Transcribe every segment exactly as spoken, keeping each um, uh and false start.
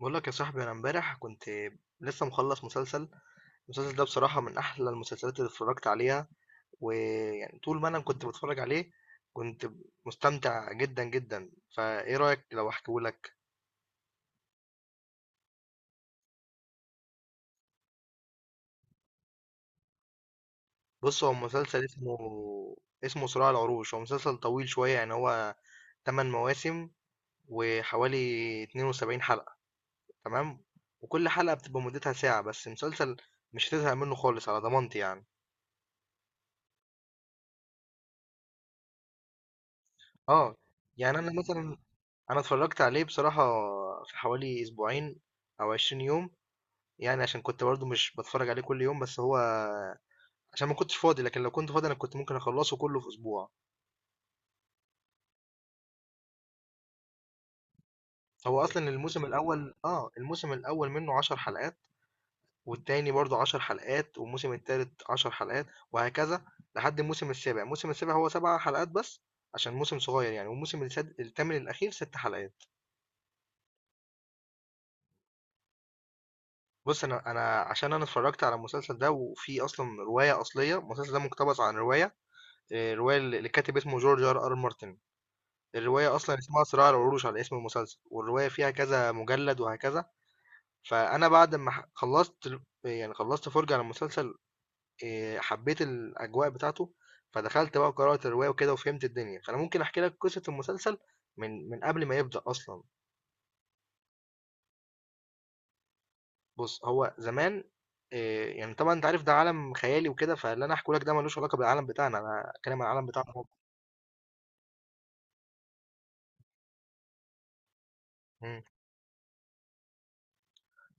بقول لك يا صاحبي، انا امبارح كنت لسه مخلص مسلسل. المسلسل ده بصراحة من احلى المسلسلات اللي اتفرجت عليها، ويعني طول ما انا كنت بتفرج عليه كنت مستمتع جدا جدا. فايه رأيك لو احكيهولك؟ بص، هو مسلسل اسمه اسمه صراع العروش. هو مسلسل طويل شوية، يعني هو تمن مواسم وحوالي اتنين وسبعين حلقة. تمام؟ وكل حلقة بتبقى مدتها ساعة، بس مسلسل مش هتزهق منه خالص على ضمانتي يعني. اه يعني انا مثلا انا اتفرجت عليه بصراحة في حوالي اسبوعين او عشرين يوم، يعني عشان كنت برضو مش بتفرج عليه كل يوم، بس هو عشان ما كنتش فاضي. لكن لو كنت فاضي انا كنت ممكن اخلصه كله في اسبوع. هو اصلا الموسم الاول اه الموسم الاول منه عشر حلقات، والتاني برضو عشر حلقات، والموسم التالت عشر حلقات وهكذا. لحد الموسم السابع، الموسم السابع هو سبع حلقات بس، عشان موسم صغير يعني. والموسم الساد... الثامن الاخير ست حلقات. بص انا انا عشان انا اتفرجت على المسلسل ده، وفي اصلا رواية اصلية. المسلسل ده مقتبس عن رواية، آه، رواية اللي كاتب اسمه جورج ار ار مارتن. الرواية أصلا اسمها صراع العروش، على اسم المسلسل. والرواية فيها كذا مجلد وهكذا. فأنا بعد ما ح- خلصت ال- يعني خلصت فرجة على المسلسل، آه، حبيت الأجواء بتاعته، فدخلت بقى قرأت الرواية وكده وفهمت الدنيا. فأنا ممكن أحكي لك قصة المسلسل من من قبل ما يبدأ أصلا. بص، هو زمان، آه، يعني طبعا أنت عارف ده عالم خيالي وكده، فاللي أنا أحكي لك ده ملوش علاقة بالعالم بتاعنا. أنا أتكلم عن العالم بتاعنا هو. مم.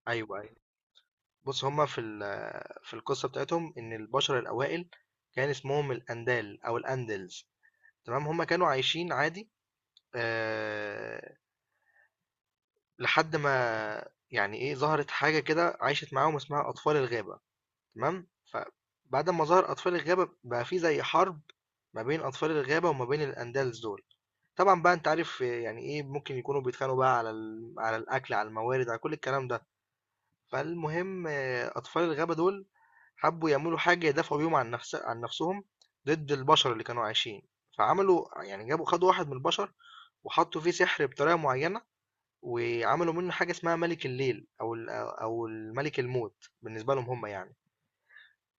أيوه أيوه. بُص، هُم في ال في القصة بتاعتهم إن البشر الأوائل كان اسمهم الأندال أو الأندلز. تمام، هُم كانوا عايشين عادي، آآ، لحد ما يعني إيه، ظهرت حاجة كده عاشت معاهم اسمها أطفال الغابة. تمام، فبعد أمّا ظهر أطفال الغابة بقى في زي حرب ما بين أطفال الغابة وما بين الأندلز دول. طبعًا بقى أنت عارف يعني إيه، ممكن يكونوا بيتخانقوا بقى على ال على الأكل، على الموارد، على كل الكلام ده. فالمهم آه، أطفال الغابة دول حبوا يعملوا حاجة يدافعوا بيهم عن نفس عن نفسهم، ضد البشر اللي كانوا عايشين. فعملوا يعني جابوا خدوا واحد من البشر، وحطوا فيه سحر بطريقة معينة، وعملوا منه حاجة اسمها ملك الليل، أو ال- أو الملك الموت بالنسبة لهم هم يعني.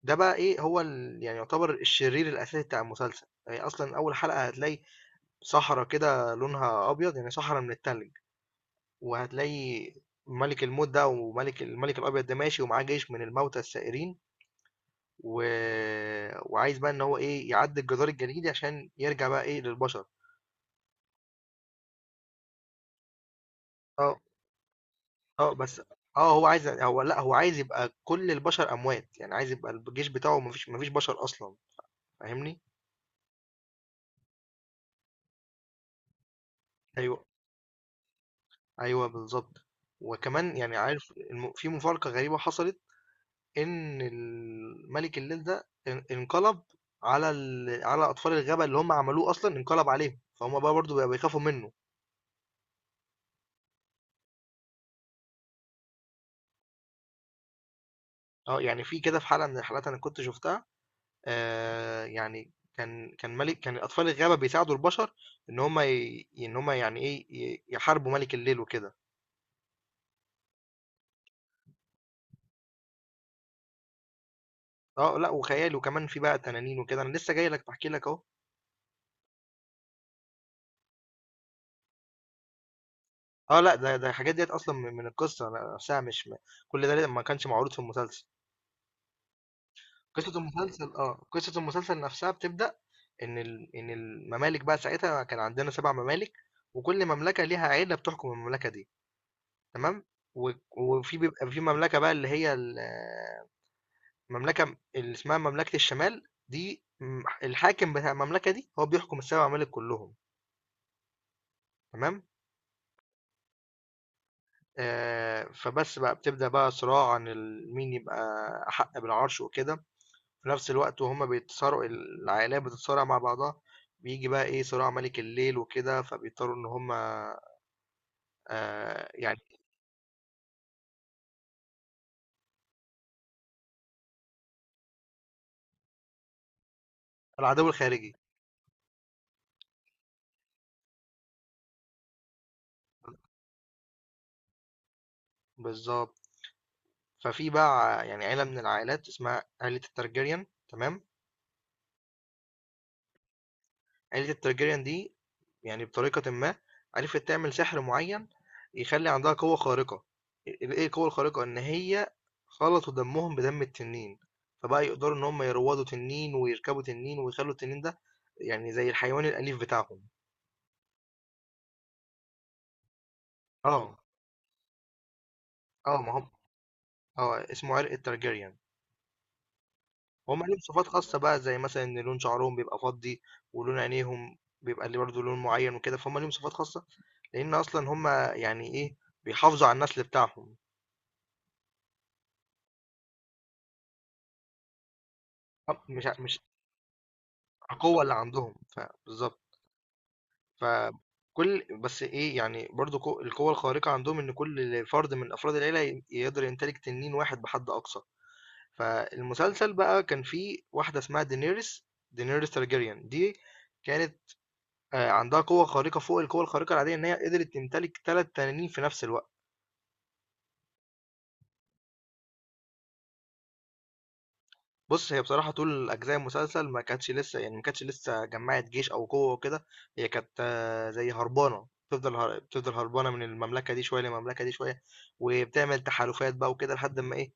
ده بقى إيه، هو ال- يعني يعتبر الشرير الأساسي بتاع المسلسل. يعني أصلا أول حلقة هتلاقي صحراء كده لونها أبيض، يعني صحراء من التلج. وهتلاقي ملك الموت ده، وملك الملك الابيض ده ماشي ومعاه جيش من الموتى السائرين، و... وعايز بقى ان هو ايه يعدي الجدار الجليدي عشان يرجع بقى ايه للبشر. اه اه بس اه هو عايز، هو لا هو عايز يبقى كل البشر اموات، يعني عايز يبقى الجيش بتاعه مفيش مفيش بشر اصلا. فاهمني؟ ايوه ايوه بالظبط. وكمان يعني عارف، الم- في مفارقة غريبة حصلت، إن ال مَلِك الليل ده ان انقلب على ال على أطفال الغابة اللي هُم عملوه أصلًا، انقلب عليهم، فهُم بقى برضه بقوا بيخافوا منّه. آه، يعني في كده في حلقة من الحلقات أنا كنت شُفتها، آآ، يعني كان كان مَلِك كان أطفال الغابة بيساعدوا البشر إن هُم ي إن هُم يعني إيه، ي يحاربوا مَلِك الليل وكده. آه، لأ وخيال، وكمان في بقى تنانين وكده. أنا لسه جاي لك باحكي لك أهو. آه لأ، ده ده الحاجات ديّة أصلًا من من القصة نفسها. مش م كل ده ل ما كانش معروض في المسلسل. قصة المسلسل، آه، قصة المسلسل نفسها بتبدأ إن ال إن الممالك بقى ساعتها كان عندنا سبع ممالك، وكل مملكة ليها عيلة بتحكم المملكة دي، تمام؟ و وفي بيبقى في مملكة بقى اللي هي ال المملكة اللي اسمها مملكة الشمال دي. م الحاكم بتاع المملكة دي هو بيحكم السبعة ممالك كلهم، تمام؟ آآ، فبس بقى بتبدأ بقى صراع عن ال مين يبقى أحق بالعرش وكده. في نفس الوقت وهُم بيتصارعوا، العائلات بتتصارع مع بعضها، بييجي بقى إيه، صراع مَلِك الليل وكده، فبيضطروا إن هُم آآ يعني العدو الخارجي، بالضبط. ففي بقى ع يعني عيلة من العائلات اسمها عيلة الTargaryen، تمام؟ عيلة التارجيريان دي يعني بطريقة ما عرفت تعمل سحر معين يخلي عندها قوة خارقة. ال- ايه القوة الخارقة ان هي خلطوا دمهم بدم التنين، فبقى يقدروا ان هم يروضوا تنين ويركبوا تنين ويخلوا التنين ده يعني زي الحيوان الأليف بتاعهم. اه اه ما هم، اه اسمه عرق التارجيريان. هم ليهم صفات خاصة بقى، زي مثلا ان لون شعرهم بيبقى فضي، ولون عينيهم بيبقى اللي برضه لون معين وكده. فهم ليهم صفات خاصة لان اصلا هم يعني ايه بيحافظوا على النسل بتاعهم. أب مش ع مش القوة اللي عندهم، ف بالضبط. فكل بس إيه، يعني برضه قو القوة الخارقة عندهم إن كل فرد من أفراد العيلة ي يقدر يمتلك تنين واحد بحد أقصى. فالمسلسل بقى كان فيه واحدة اسمها Daenerys Daenerys Targaryen دي كانت آآ عندها قوة خارقة فوق القوة الخارقة العادية، إن هي قدرت تمتلك ثلاثة تنانين في نفس الوقت. بُص، هي بصراحة طول أجزاء المسلسل ما كانتش لسه، يعني ما كانتش لسه جمّعت جيش أو قوة وكده. هي كانت آه، زي هربانة، بتفضل هر بتفضل هربانة من المملكة دي شوية للمملكة دي شوية، وبتعمل تحالفات بقى وكده لحد أمّا إيه،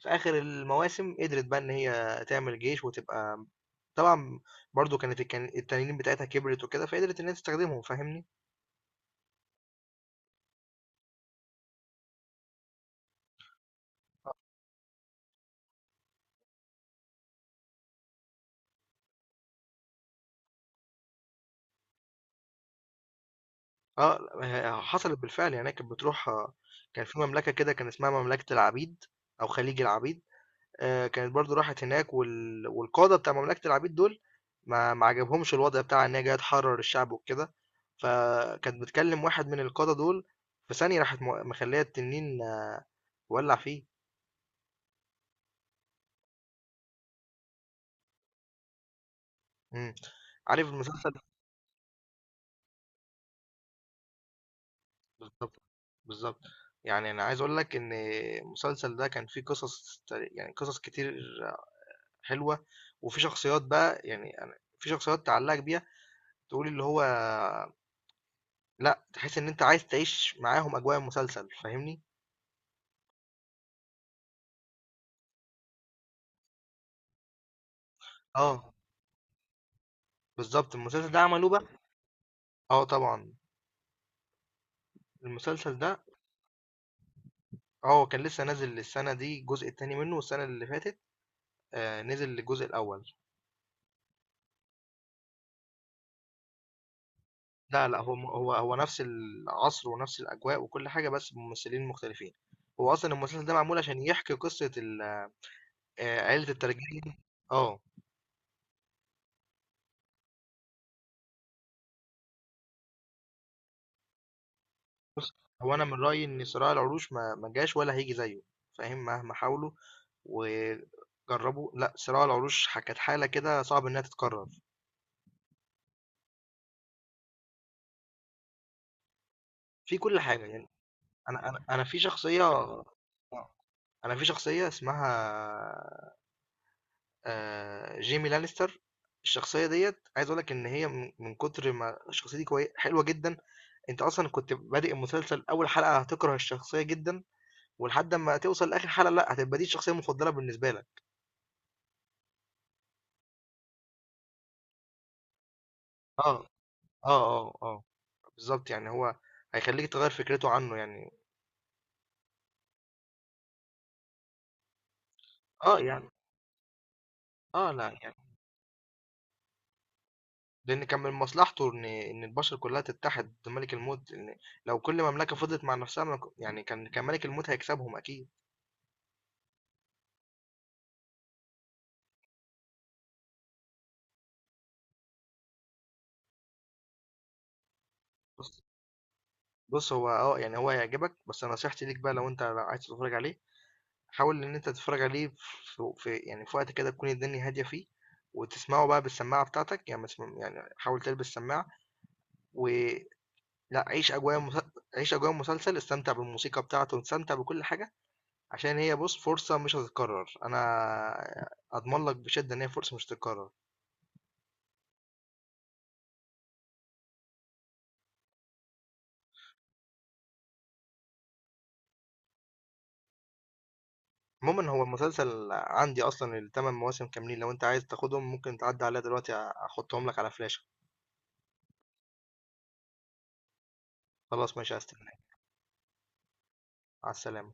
في آخر المواسم قدرت بقى إن هي تعمل جيش وتبقى. طبعًا برضه كانت الكن التنانين بتاعتها كبرت وكده، فقدرت إن هي تستخدمهم. فاهمني؟ آه، ه حصلت بالفعل، يعني هي كانت بتروح. آه، كان في مملكة كده كان اسمها مملكة العبيد أو خليج العبيد. آآ كانت برضه راحت هناك، وال والقادة بتاع مملكة العبيد دول ما ما عجبهمش الوضع بتاعها إن هي جاية تحرر الشعب وكده، فكانت بتكلم واحد من القادة دول، في ثانية راحت مو مخلية التنين، آه، ولّع فيه. إمم، عارف المسلسل؟ بالضبط، بالضبط، يعني أنا عايز أقول لك إن المسلسل ده كان فيه قصص، ت يعني قصص كتير حلوة. وفي شخصيات بقى، يعني أنا في شخصيات تعلّقك بيها، تقول اللي هو لأ، تحس إن أنت عايز تعيش معاهم أجواء المسلسل. فاهمني؟ آه، بالضبط، المسلسل ده عملوه بقى. آه طبعًا، المسلسل ده آه، كان لسه نازل السنة دي الجزء التاني منه، والسنة اللي فاتت آآ نزل الجزء الأول. لا، لأ، هو م هو هو نفس العصر ونفس الأجواء وكل حاجة، بس بممثلين مختلفين. هو أصلًا المسلسل ده معمول عشان يحكي قصة ال آآ عيلة الترجية. آه، بُص، هو أنا من رأيي إن صراع العروش ما ما جاش ولا هييجي زيه. فاهم؟ مهما حاولوا وجربوا، لأ، صراع العروش ح كانت حالة كده صعب إنها تتكرر. في كل حاجة يعني. انا انا انا في شخصيه، انا في شخصيه اسمها آه، جيمي لانستر. الشخصيه ديت عايز اقول لك ان هي، من من كتر ما الشخصيه دي كويسه حلوه جدا، انت اصلا كنت بادئ المسلسل، اول حلقه هتكره الشخصيه جدا، ولحد ما توصل لاخر حلقه لا هتبقى دي الشخصيه المفضله بالنسبه لك. اه اه اه اه بالظبط، يعني هو هيخليك تغير فكرته عنه يعني. اه يعني اه لا يعني لأن كان من مصلحته إن إن البشر كلها تتحد ضد ملك الموت، لأن لو كل مملكة فضلت مع نفسها ما ك- يعني كان كان ملك الموت هيكسبهم أكيد. بص بص هو اه يعني هو هيعجبك، بس نصيحتي ليك بقى لو أنت عايز تتفرج عليه، حاول إن أنت تتفرج عليه في, في يعني في وقت كده تكون الدنيا هادية فيه، وتسمعه بقى بالسماعة بتاعتك. يعني ما تسمع- يعني حاول تلبس سماعة، ولا عيش أجواء مسل... عيش أجواء المسلسل، استمتع بالموسيقى بتاعته واستمتع بكل حاجة، عشان هي بص فرصة مش هتتكرر. انا اضمن لك بشدة ان هي فرصة مش هتتكرر. عموما هو المسلسل عندي اصلا الثمان مواسم كاملين، لو انت عايز تاخدهم ممكن تعدي عليها دلوقتي احطهم لك على فلاشة. خلاص ماشي، هستناك. مع السلامة.